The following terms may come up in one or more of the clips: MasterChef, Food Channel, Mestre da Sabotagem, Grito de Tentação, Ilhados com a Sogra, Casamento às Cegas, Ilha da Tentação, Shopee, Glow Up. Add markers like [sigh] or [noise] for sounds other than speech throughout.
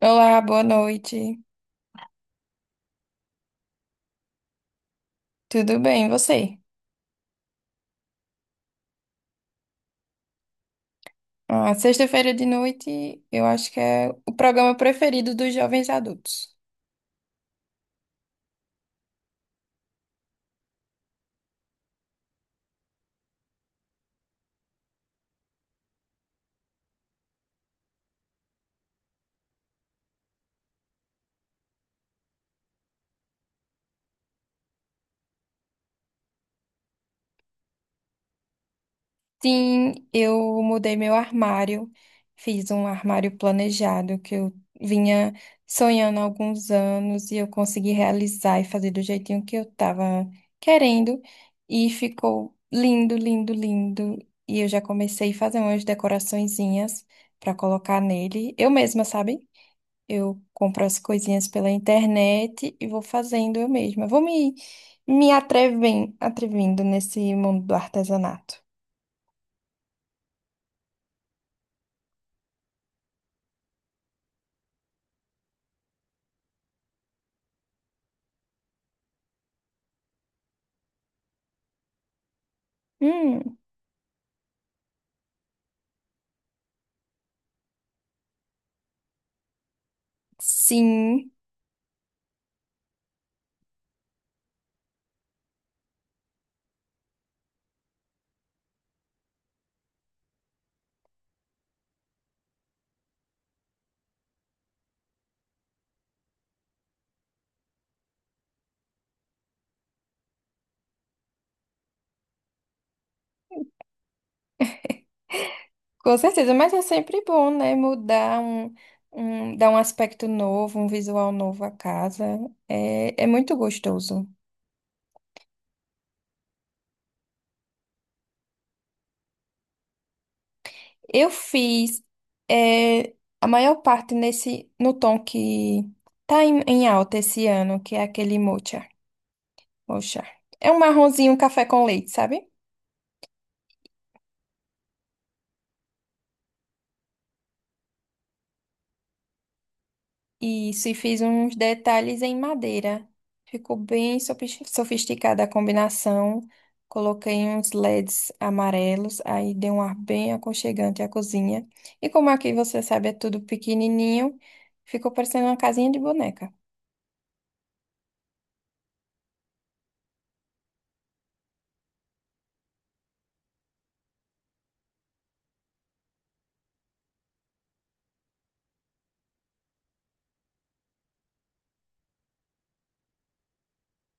Olá, boa noite. Tudo bem, e você? Ah, sexta-feira de noite, eu acho que é o programa preferido dos jovens adultos. Sim, eu mudei meu armário, fiz um armário planejado que eu vinha sonhando há alguns anos e eu consegui realizar e fazer do jeitinho que eu estava querendo e ficou lindo, lindo, lindo. E eu já comecei a fazer umas decoraçõezinhas para colocar nele, eu mesma, sabe? Eu compro as coisinhas pela internet e vou fazendo eu mesma. Vou me atrevindo nesse mundo do artesanato. Hum, sim, com certeza. Mas é sempre bom, né? Mudar um, dar um aspecto novo, um visual novo à casa. É, é muito gostoso. Eu fiz é, a maior parte nesse no tom que tá em alta esse ano, que é aquele mocha. Mocha. É um marronzinho, um café com leite, sabe? Isso, e fiz uns detalhes em madeira. Ficou bem sofisticada a combinação. Coloquei uns LEDs amarelos, aí deu um ar bem aconchegante à cozinha. E como aqui você sabe, é tudo pequenininho, ficou parecendo uma casinha de boneca.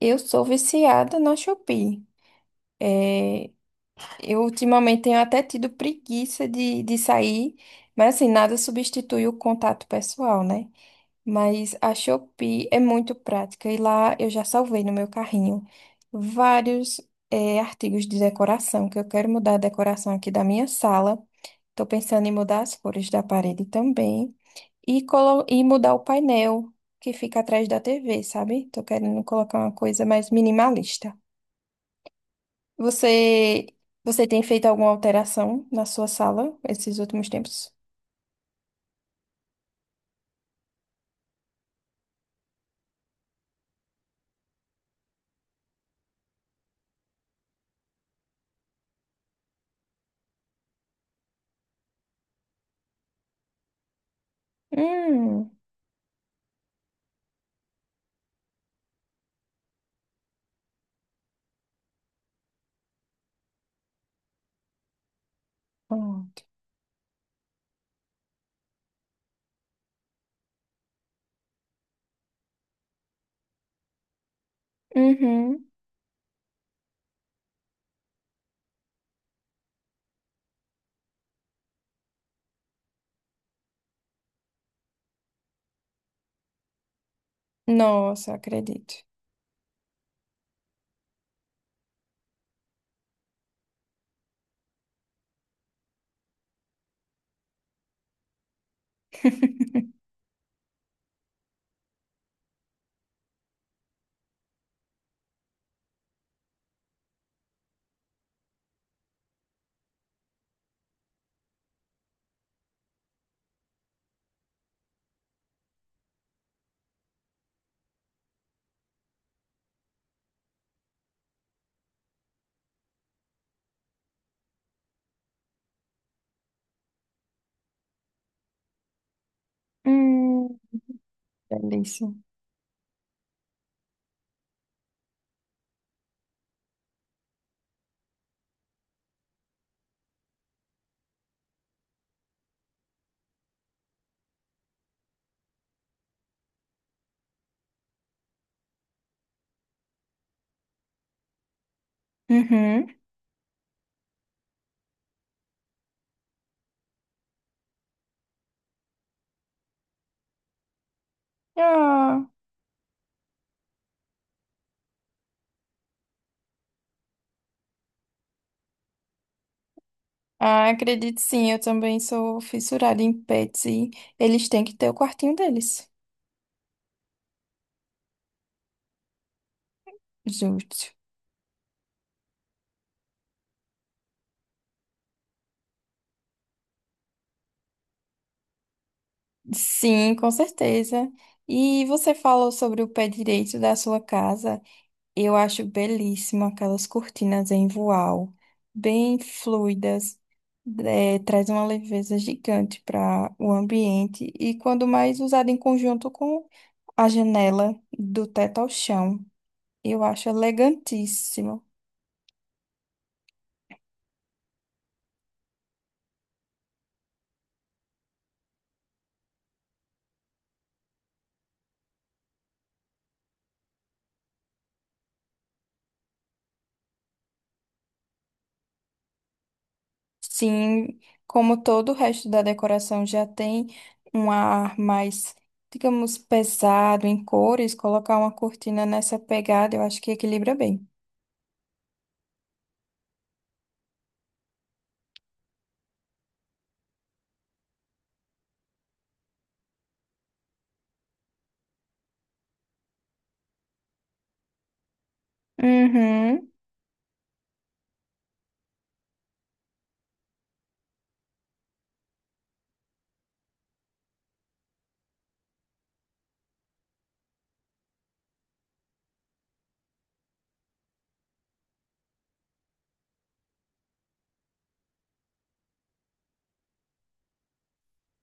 Eu sou viciada na Shopee. É, eu ultimamente tenho até tido preguiça de sair, mas assim, nada substitui o contato pessoal, né? Mas a Shopee é muito prática e lá eu já salvei no meu carrinho vários artigos de decoração, que eu quero mudar a decoração aqui da minha sala. Estou pensando em mudar as cores da parede também e, e mudar o painel que fica atrás da TV, sabe? Estou querendo colocar uma coisa mais minimalista. Você, você tem feito alguma alteração na sua sala esses últimos tempos? Hum, pronto. Uhum. Nossa, acredito. [laughs] Hum, delícia. Uhum. Ah, ah, acredite sim, eu também sou fissurada em pets e eles têm que ter o quartinho deles. Justo. Sim, com certeza. E você falou sobre o pé direito da sua casa. Eu acho belíssimo aquelas cortinas em voal, bem fluidas. É, traz uma leveza gigante para o ambiente e quando mais usada em conjunto com a janela do teto ao chão. Eu acho elegantíssimo. Sim, como todo o resto da decoração já tem um ar mais, digamos, pesado em cores, colocar uma cortina nessa pegada, eu acho que equilibra bem. Uhum.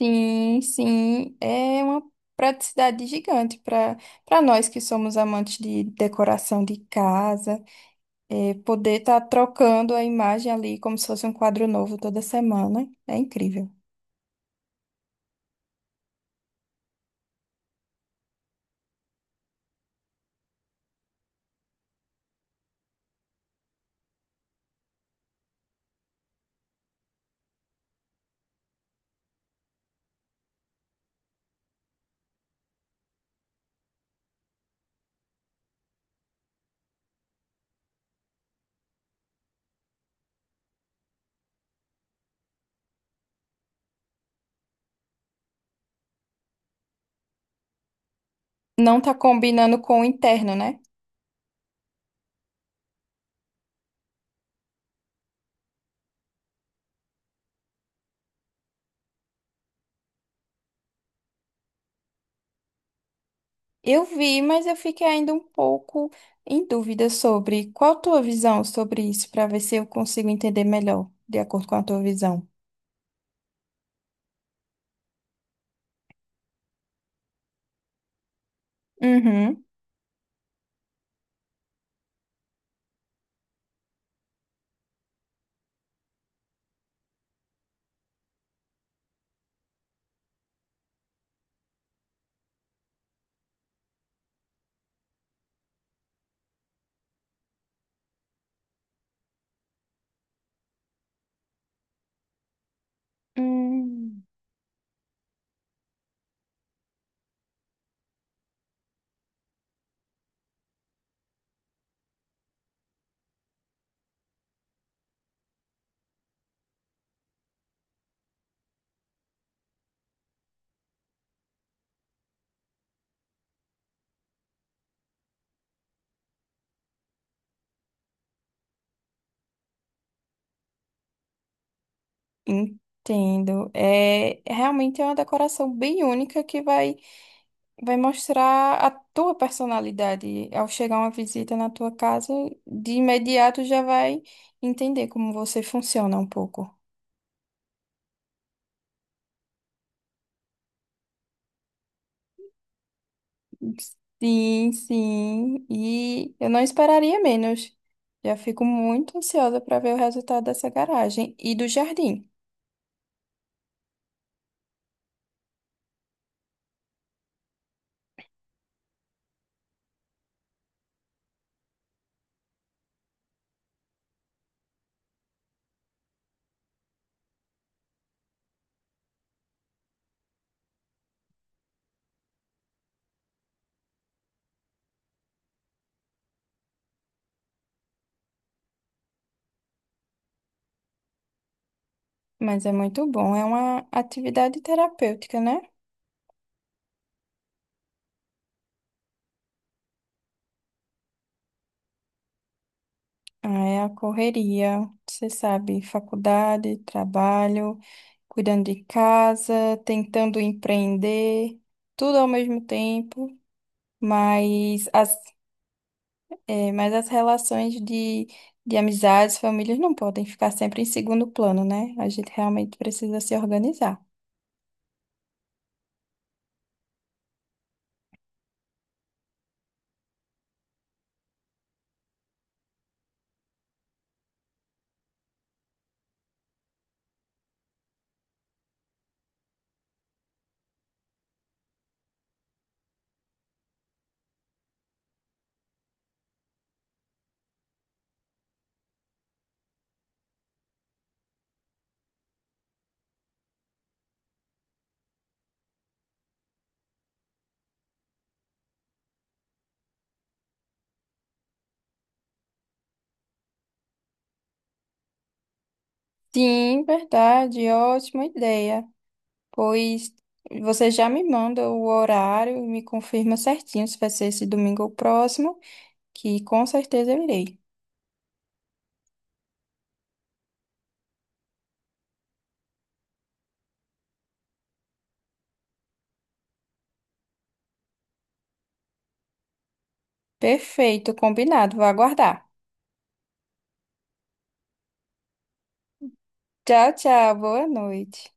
Sim, sim, é uma praticidade gigante para nós que somos amantes de decoração de casa, é, poder estar trocando a imagem ali como se fosse um quadro novo toda semana, é incrível. Não tá combinando com o interno, né? Eu vi, mas eu fiquei ainda um pouco em dúvida sobre qual a tua visão sobre isso, para ver se eu consigo entender melhor, de acordo com a tua visão. Uhum. Hum. Entendo. É, realmente é uma decoração bem única vai mostrar a tua personalidade. Ao chegar uma visita na tua casa, de imediato já vai entender como você funciona um pouco. Sim, sim. E eu não esperaria menos. Já fico muito ansiosa para ver o resultado dessa garagem e do jardim. Mas é muito bom, é uma atividade terapêutica, né? Ah, é a correria, você sabe, faculdade, trabalho, cuidando de casa, tentando empreender, tudo ao mesmo tempo. Mas as É, mas as relações de amizades, famílias não podem ficar sempre em segundo plano, né? A gente realmente precisa se organizar. Sim, verdade, ótima ideia. Pois você já me manda o horário e me confirma certinho se vai ser esse domingo ou próximo, que com certeza eu irei. Perfeito, combinado, vou aguardar. Tchau, tchau, boa noite.